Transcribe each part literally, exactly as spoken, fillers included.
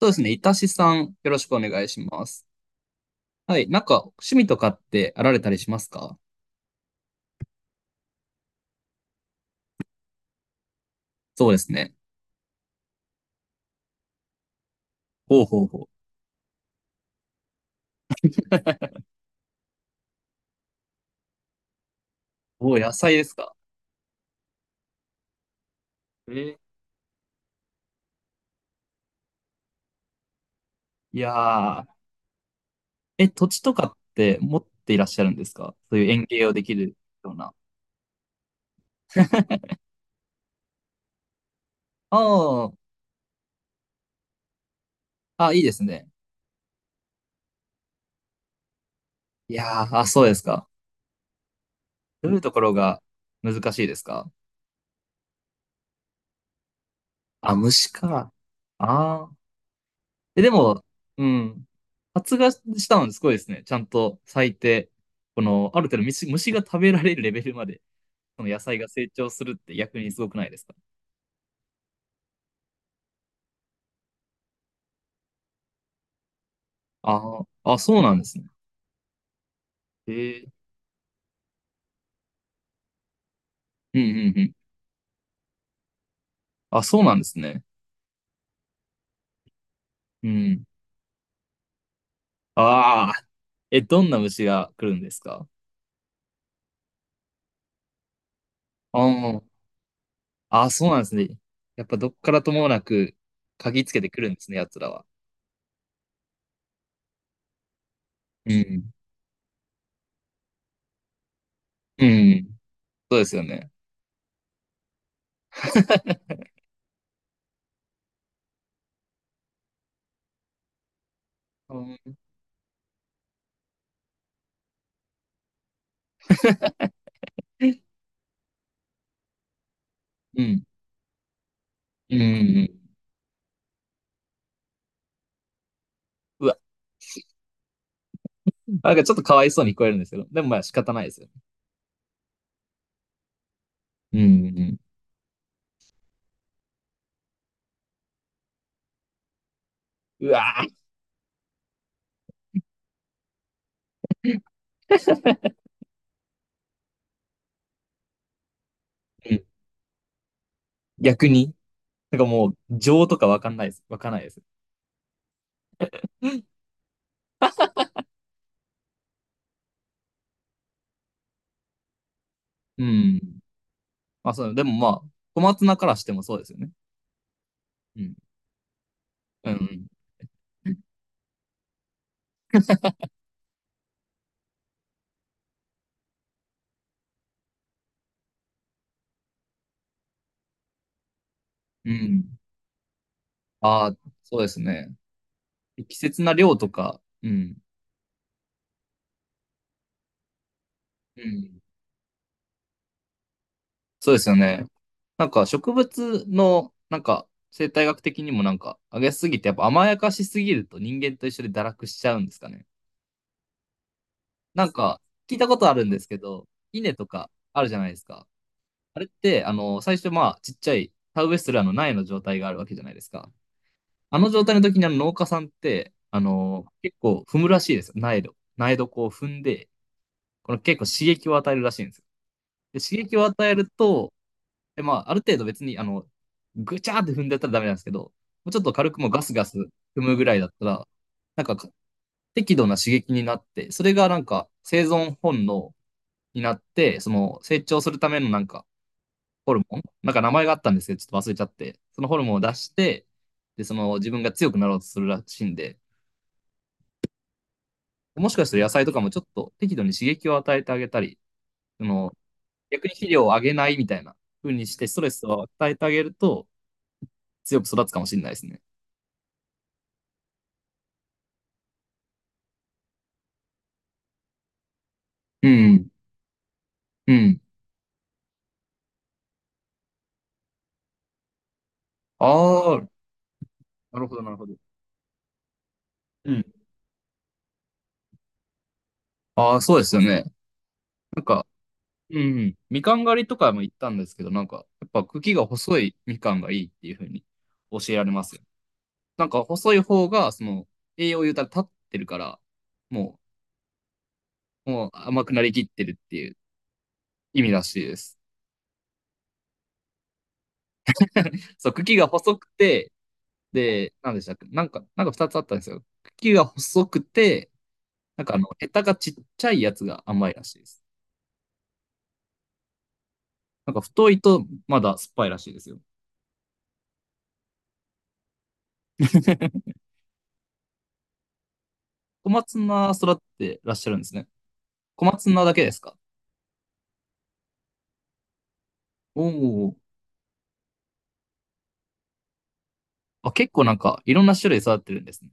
そうですね。いたしさん、よろしくお願いします。はい。なんか、趣味とかってあられたりしますか？そうですね。ほうほうほう。お野菜ですか？えーいやー。え、土地とかって持っていらっしゃるんですか？そういう園芸をできるような。あーあ、いいですね。いやー、あ、そうですか。どういうところが難しいですか？あ、虫か。ああ。え、でも、うん。発芽したのですごいですね。ちゃんと咲いて、この、ある程度虫、虫が食べられるレベルまで。その野菜が成長するって逆にすごくないですか？ああ、あ、そうなんですね。へえ。うんうんうん。あ、そうなんですね。うん。ああ、え、どんな虫が来るんですか？ああ、あ、そうなんですね。やっぱどっからともなく嗅ぎつけてくるんですね、奴らは。うん。うん。そうですよね。うん、うん。うん。うん。うわ、なんかちょっとかわいそうに聞こえるんですけど、でもまあ仕方ないですよね。うん。うん。うわー、うん。逆に、なんかもう情とかわかんないです。わかんないです。うん。まあ、そう、でもまあ、小松菜からしてもそうですよね。うん。うん。うん。ああ、そうですね。適切な量とか、うん。うん。そうですよね。なんか植物の、なんか生態学的にもなんか、あげすぎて、やっぱ甘やかしすぎると人間と一緒で堕落しちゃうんですかね。なんか、聞いたことあるんですけど、稲とかあるじゃないですか。あれって、あの、最初まあ、ちっちゃい、田植えするあの苗の状態があるわけじゃないですか。あの状態の時にあの農家さんって、あのー結構踏むらしいですよ。苗土。苗こう踏んで、この結構刺激を与えるらしいんですよ。で、刺激を与えると、でまあ、ある程度別に、あの、ぐちゃーって踏んでやったらダメなんですけど、もうちょっと軽くもうガスガス踏むぐらいだったら、なんか適度な刺激になって、それがなんか生存本能になって、その成長するためのなんかホルモン、なんか名前があったんですけど、ちょっと忘れちゃって、そのホルモンを出して、で、その自分が強くなろうとするらしいんで、もしかしたら野菜とかもちょっと適度に刺激を与えてあげたり、その逆に肥料をあげないみたいな風にしてストレスを与えてあげると強く育つかもしれないですね。うん。うん。ああ、なるほど、なるほど。うん。ああ、そうですよね。なんか、うん。みかん狩りとかも行ったんですけど、なんか、やっぱ茎が細いみかんがいいっていう風に教えられますよ。なんか細い方が、その、栄養を言うたら立ってるから、もう、もう甘くなりきってるっていう意味らしいです。そう、茎が細くて、で、なんでしたっけなんか、なんか二つあったんですよ。茎が細くて、なんかあの、ヘタがちっちゃいやつが甘いらしいです。なんか太いとまだ酸っぱいらしいですよ。小松菜育ってらっしゃるんですね。小松菜だけですか？おお。あ、結構なんかいろんな種類育ってるんですね。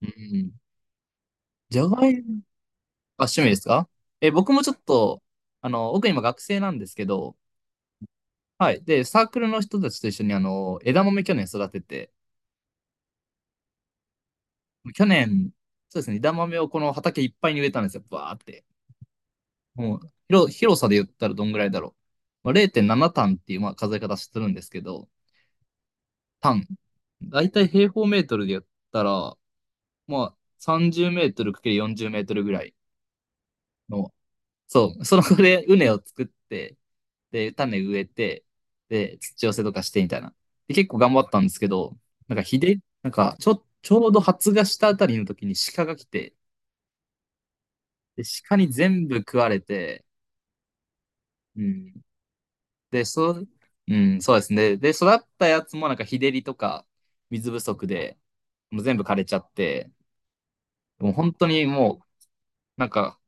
うん。じゃがいもが趣味ですか？え、僕もちょっと、あの、僕今学生なんですけど、はい。で、サークルの人たちと一緒にあの、枝豆去年育てて、去年、そうですね、枝豆をこの畑いっぱいに植えたんですよ、バーって。もう、広、広さで言ったらどんぐらいだろう。まあ、れいてんなな単っていう、まあ、数え方してるんですけど、単。だいたい平方メートルで言ったら、まあ、さんじゅうメートル ×よんじゅう メートルぐらいの、そう、そのこで畝を作って、で、種植えて、で、土寄せとかしてみたいな。で、結構頑張ったんですけど、なんかひで、なんか、ちょ、ちょうど発芽したあたりの時に鹿が来て、で、鹿に全部食われて、うん。で、そう、うん、そうですね。で、育ったやつもなんか日照りとか水不足で、もう全部枯れちゃって、もう本当にもう、なんか、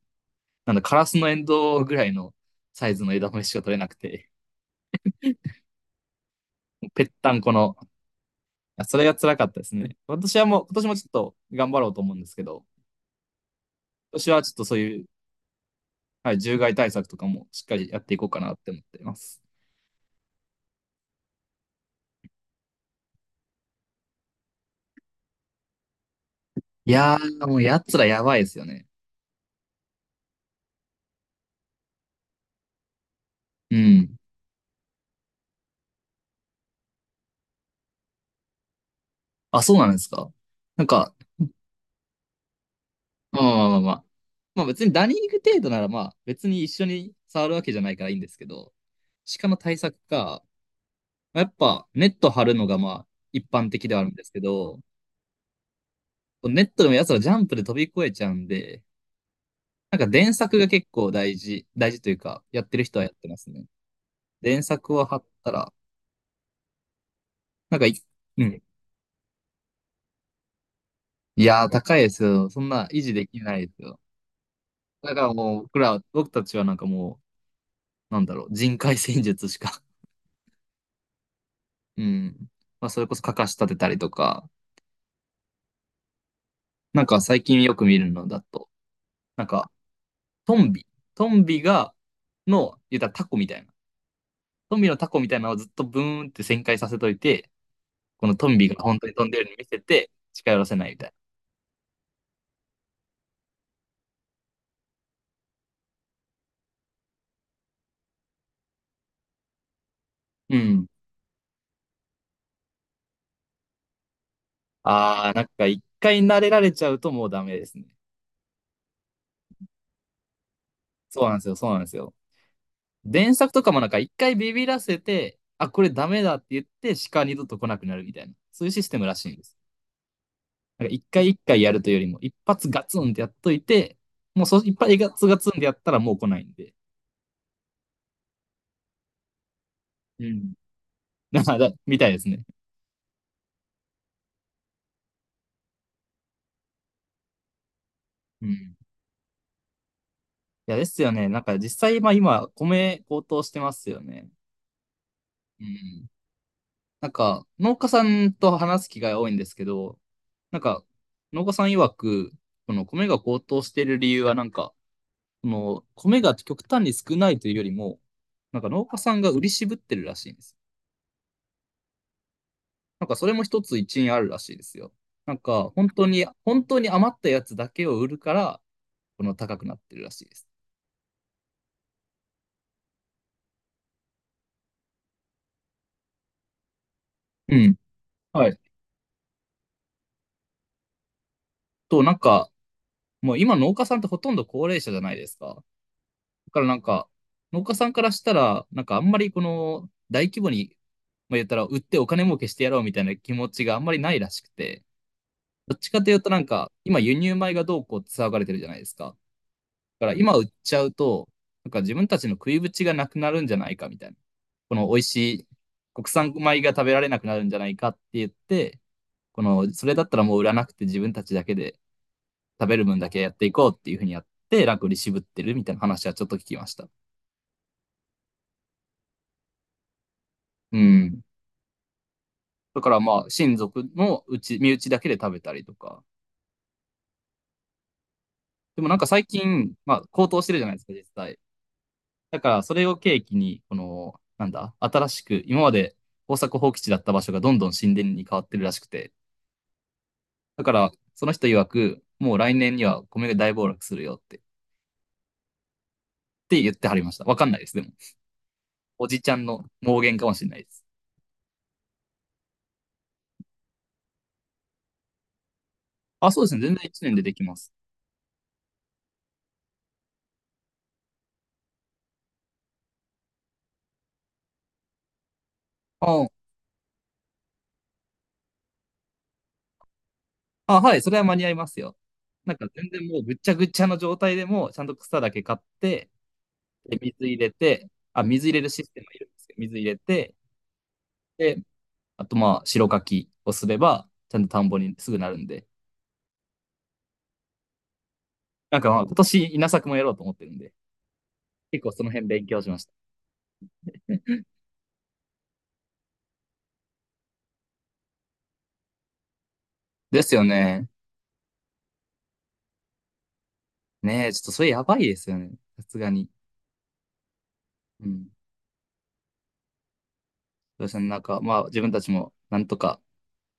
なんだ、カラスのエンドウぐらいのサイズの枝豆しか取れなくて、もうぺったんこの、それが辛かったですね。私はもう、今年もちょっと頑張ろうと思うんですけど、今年はちょっとそういう、はい、獣害対策とかもしっかりやっていこうかなって思っています。いやー、もう奴らやばいですよね。うん。あ、そうなんですか。なんか、まあまあまあままあ別にダニング程度ならまあ別に一緒に触るわけじゃないからいいんですけど、鹿の対策か、やっぱネット張るのがまあ一般的ではあるんですけど、ネットでも奴らジャンプで飛び越えちゃうんで、なんか電柵が結構大事、大事というか、やってる人はやってますね。電柵を張ったら、なんかい、うん。いやー、高いですよ。そんな維持できないですよ。だからもう、僕ら、僕たちはなんかもう、なんだろう、人海戦術しか。うん。まあ、それこそ、かかし立てたりとか、なんか最近よく見るのだと、なんかトンビ、トンビが、の、言ったらタコみたいな。トンビのタコみたいなのをずっとブーンって旋回させといて、このトンビが本当に飛んでるように見せて、近寄らせないみたいな。うん。あー、なんか一回慣れられちゃうともうダメですね。そうなんですよ、そうなんですよ。電作とかもなんか一回ビビらせて、あ、これダメだって言って、鹿二度と来なくなるみたいな。そういうシステムらしいんです。なんか一回一回やるというよりも、一発ガツンってやっといて、もうそ、一発ガツガツンってやったらもう来ないんで。うん。だから、みたいですね。うん。いや、ですよね。なんか実際、まあ今、米高騰してますよね。うん。なんか、農家さんと話す機会多いんですけど、なんか、農家さん曰く、この米が高騰している理由は、なんか、この米が極端に少ないというよりも、なんか農家さんが売り渋ってるらしいんです。なんかそれも一つ一因あるらしいですよ。なんか本当に、本当に余ったやつだけを売るから、この高くなってるらしいです。うん。はい。と、なんか、もう今農家さんってほとんど高齢者じゃないですか。だからなんか、農家さんからしたら、なんかあんまりこの大規模に、まあ、言ったら売ってお金儲けしてやろうみたいな気持ちがあんまりないらしくて、どっちかというとなんか、今輸入米がどうこうって騒がれてるじゃないですか。から今売っちゃうと、なんか自分たちの食いぶちがなくなるんじゃないかみたいな。この美味しい国産米が食べられなくなるんじゃないかって言って、この、それだったらもう売らなくて自分たちだけで食べる分だけやっていこうっていうふうにやって、楽に渋ってるみたいな話はちょっと聞きました。うん。だからまあ、親族のうち、身内だけで食べたりとか。でもなんか最近、まあ、高騰してるじゃないですか、実際。だから、それを契機に、この、なんだ、新しく、今まで耕作放棄地だった場所がどんどん神殿に変わってるらしくて、だから、その人曰く、もう来年には米が大暴落するよって、って言ってはりました。わかんないです、でも。おじちゃんの妄言かもしれないです。あ、そうですね。全然いちねんでできます。ああ、はい、それは間に合いますよ。なんか全然もうぐっちゃぐちゃの状態でも、ちゃんと草だけ買って、で水入れて、あ、水入れるシステムがいるんですよ。水入れて、で、あとまあ、白柿をすれば、ちゃんと田んぼにすぐなるんで。なんかまあ、今年稲作もやろうと思ってるんで、結構その辺勉強しました。ですよね。ねえ、ちょっとそれやばいですよね。さすがに。うん。どうしすねなんかまあ、自分たちもなんとか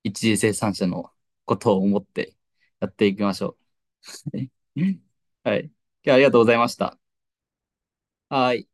一次生産者のことを思ってやっていきましょう。はい。今日はありがとうございました。はい。